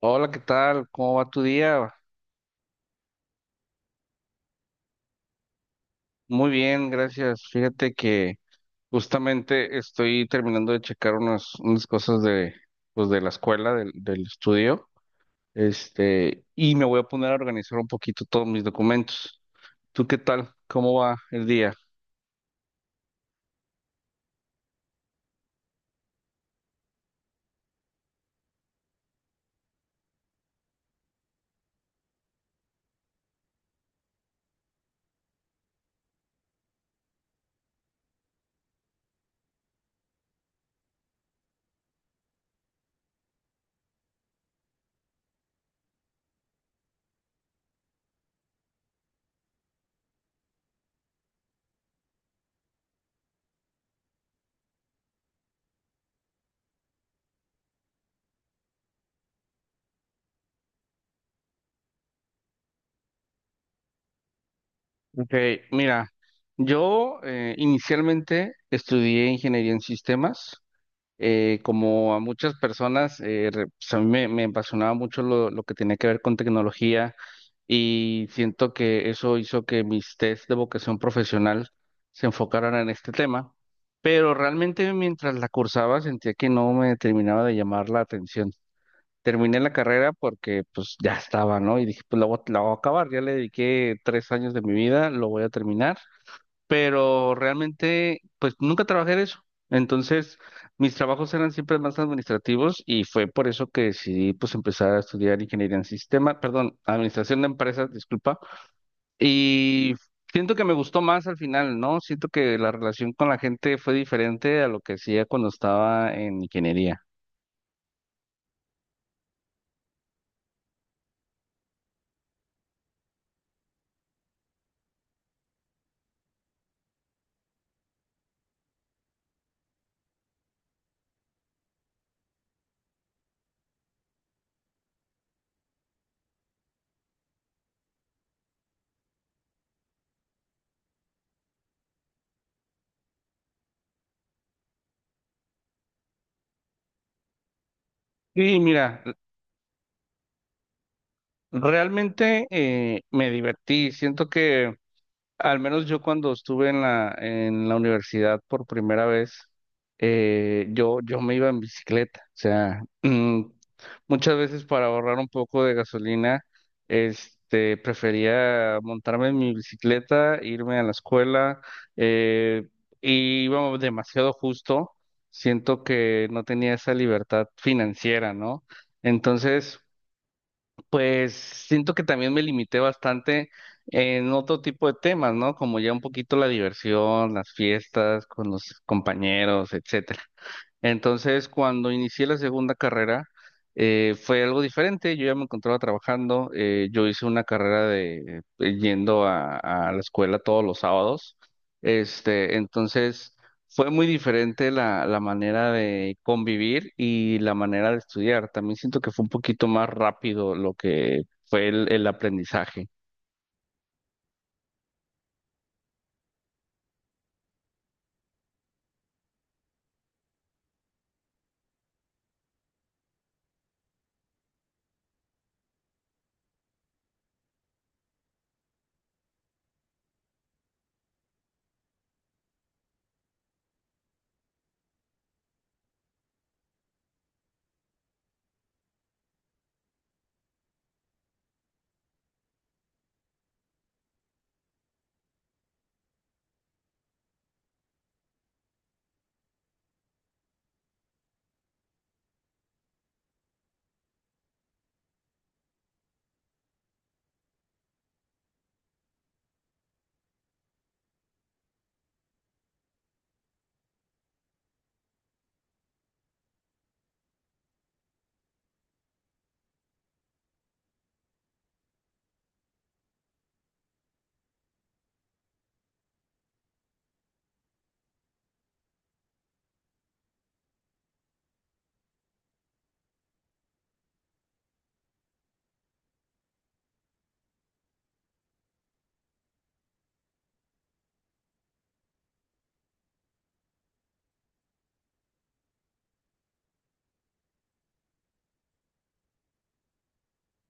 Hola, ¿qué tal? ¿Cómo va tu día? Muy bien, gracias. Fíjate que justamente estoy terminando de checar unas cosas pues de la escuela, del estudio, y me voy a poner a organizar un poquito todos mis documentos. ¿Tú qué tal? ¿Cómo va el día? Ok, mira, yo inicialmente estudié ingeniería en sistemas. Como a muchas personas, pues a mí me apasionaba mucho lo que tenía que ver con tecnología y siento que eso hizo que mis test de vocación profesional se enfocaran en este tema, pero realmente mientras la cursaba sentía que no me terminaba de llamar la atención. Terminé la carrera porque pues ya estaba, ¿no? Y dije, pues a la voy a acabar, ya le dediqué 3 años de mi vida, lo voy a terminar, pero realmente pues nunca trabajé en eso. Entonces, mis trabajos eran siempre más administrativos y fue por eso que decidí pues empezar a estudiar ingeniería en sistema, perdón, administración de empresas, disculpa, y siento que me gustó más al final, ¿no? Siento que la relación con la gente fue diferente a lo que hacía cuando estaba en ingeniería. Y mira, realmente me divertí, siento que al menos yo cuando estuve en la universidad por primera vez, yo me iba en bicicleta. O sea, muchas veces para ahorrar un poco de gasolina, prefería montarme en mi bicicleta, irme a la escuela, eh, y iba demasiado justo. Siento que no tenía esa libertad financiera, ¿no? Entonces. Pues siento que también me limité bastante en otro tipo de temas, ¿no? Como ya un poquito la diversión, las fiestas con los compañeros, etcétera. Entonces, cuando inicié la segunda carrera, fue algo diferente. Yo ya me encontraba trabajando. Yo hice una carrera de yendo a la escuela todos los sábados. Entonces fue muy diferente la manera de convivir y la manera de estudiar. También siento que fue un poquito más rápido lo que fue el aprendizaje.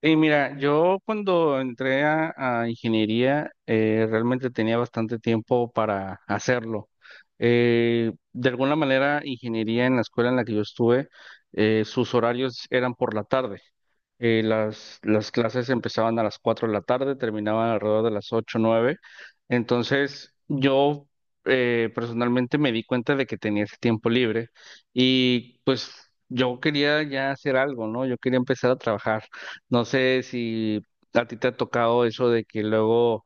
Y mira, yo cuando entré a ingeniería, realmente tenía bastante tiempo para hacerlo. De alguna manera, ingeniería en la escuela en la que yo estuve, sus horarios eran por la tarde. Las clases empezaban a las 4 de la tarde, terminaban alrededor de las ocho o 9. Entonces, yo personalmente me di cuenta de que tenía ese tiempo libre y yo quería ya hacer algo, ¿no? Yo quería empezar a trabajar. No sé si a ti te ha tocado eso de que luego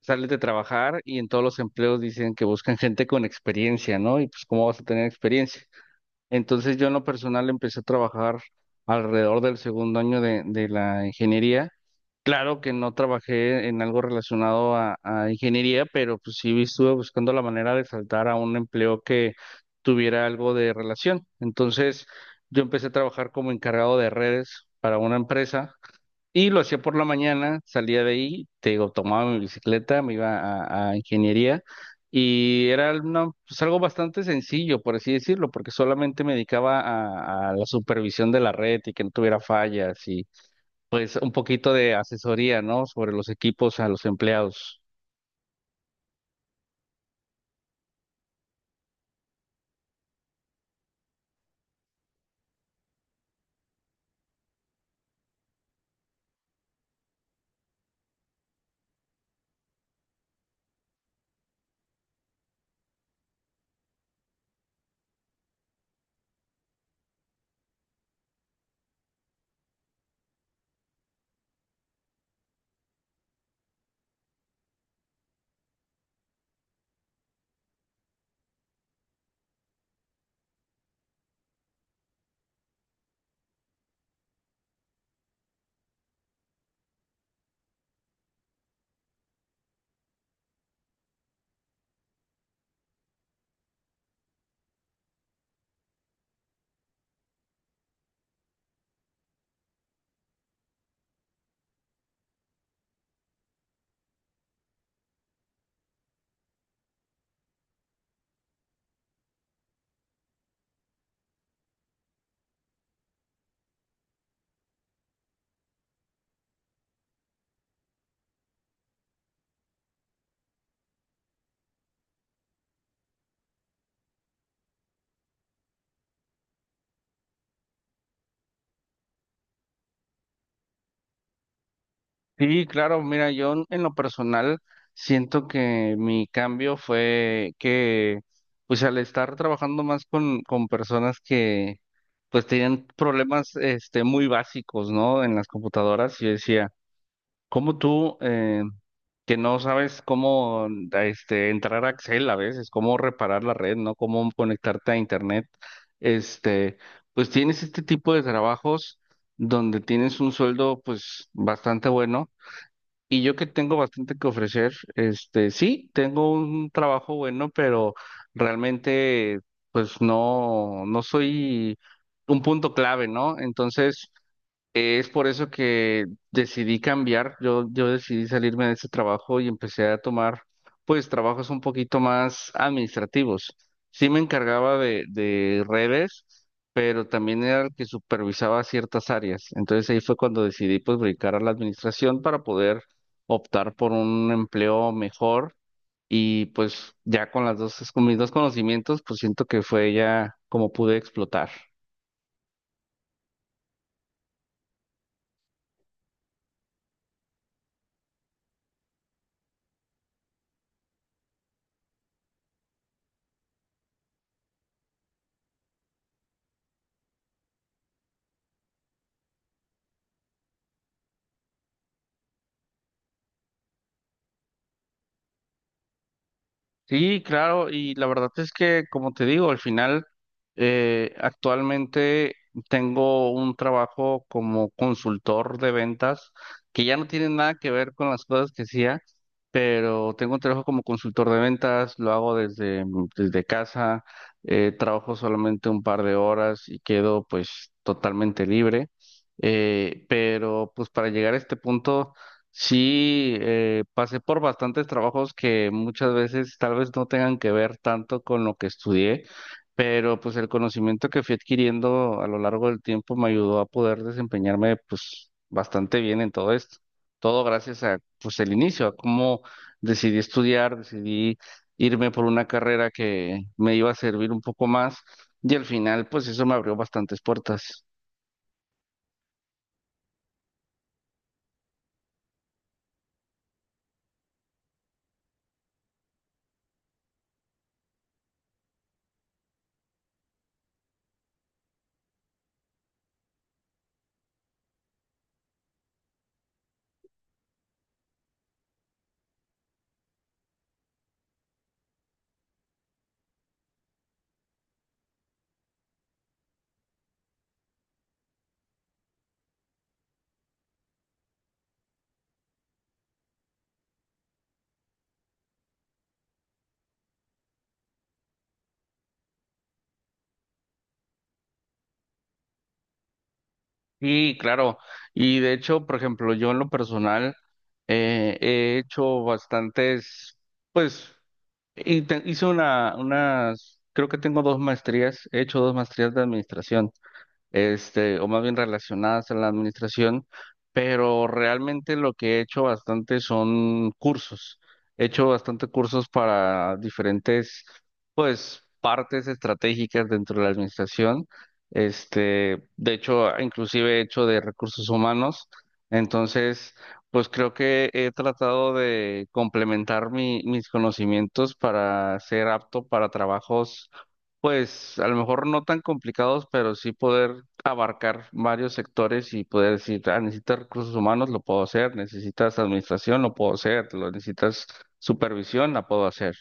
sales de trabajar y en todos los empleos dicen que buscan gente con experiencia, ¿no? Y pues cómo vas a tener experiencia. Entonces yo en lo personal empecé a trabajar alrededor del segundo año de la ingeniería. Claro que no trabajé en algo relacionado a ingeniería, pero pues sí estuve buscando la manera de saltar a un empleo que tuviera algo de relación. Entonces, yo empecé a trabajar como encargado de redes para una empresa y lo hacía por la mañana, salía de ahí, te digo, tomaba mi bicicleta, me iba a ingeniería y era pues, algo bastante sencillo, por así decirlo, porque solamente me dedicaba a la supervisión de la red y que no tuviera fallas, pues un poquito de asesoría, ¿no? Sobre los equipos a los empleados. Sí, claro, mira, yo en lo personal siento que mi cambio fue que, pues al estar trabajando más con personas que, pues tenían problemas, muy básicos, ¿no? En las computadoras, yo decía, como tú, que no sabes cómo entrar a Excel a veces, cómo reparar la red, ¿no? Cómo conectarte a Internet, este, pues tienes este tipo de trabajos donde tienes un sueldo, pues, bastante bueno. Y yo que tengo bastante que ofrecer, sí, tengo un trabajo bueno, pero realmente, pues, no, no soy un punto clave, ¿no? Entonces. Es por eso que decidí cambiar, yo decidí salirme de ese trabajo y empecé a tomar pues trabajos un poquito más administrativos. Sí me encargaba de redes, pero también era el que supervisaba ciertas áreas. Entonces ahí fue cuando decidí pues brincar a la administración para poder optar por un empleo mejor y pues ya con mis dos conocimientos pues siento que fue ya como pude explotar. Sí, claro, y la verdad es que, como te digo, al final, actualmente tengo un trabajo como consultor de ventas, que ya no tiene nada que ver con las cosas que hacía, pero tengo un trabajo como consultor de ventas, lo hago desde casa, trabajo solamente un par de horas y quedo pues totalmente libre, pero pues para llegar a este punto. Sí, pasé por bastantes trabajos que muchas veces tal vez no tengan que ver tanto con lo que estudié, pero pues el conocimiento que fui adquiriendo a lo largo del tiempo me ayudó a poder desempeñarme pues bastante bien en todo esto. Todo gracias a pues el inicio, a cómo decidí estudiar, decidí irme por una carrera que me iba a servir un poco más y al final pues eso me abrió bastantes puertas. Sí, claro. Y de hecho, por ejemplo, yo en lo personal he hecho bastantes, pues, hice unas, creo que tengo dos maestrías, he hecho dos maestrías de administración, o más bien relacionadas a la administración, pero realmente lo que he hecho bastante son cursos. He hecho bastante cursos para diferentes partes estratégicas dentro de la administración, de hecho, inclusive he hecho de recursos humanos, entonces, pues creo que he tratado de complementar mis conocimientos para ser apto para trabajos, pues a lo mejor no tan complicados, pero sí poder abarcar varios sectores y poder decir, ah, necesitas recursos humanos, lo puedo hacer, necesitas administración, lo puedo hacer, lo necesitas supervisión, la puedo hacer.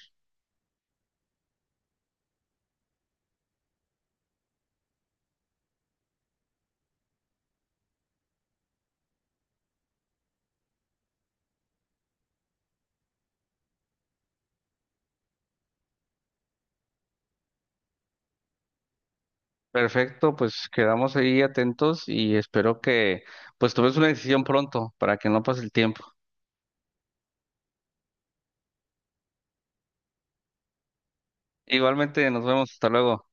Perfecto, pues quedamos ahí atentos y espero que pues tomes una decisión pronto para que no pase el tiempo. Igualmente, nos vemos, hasta luego.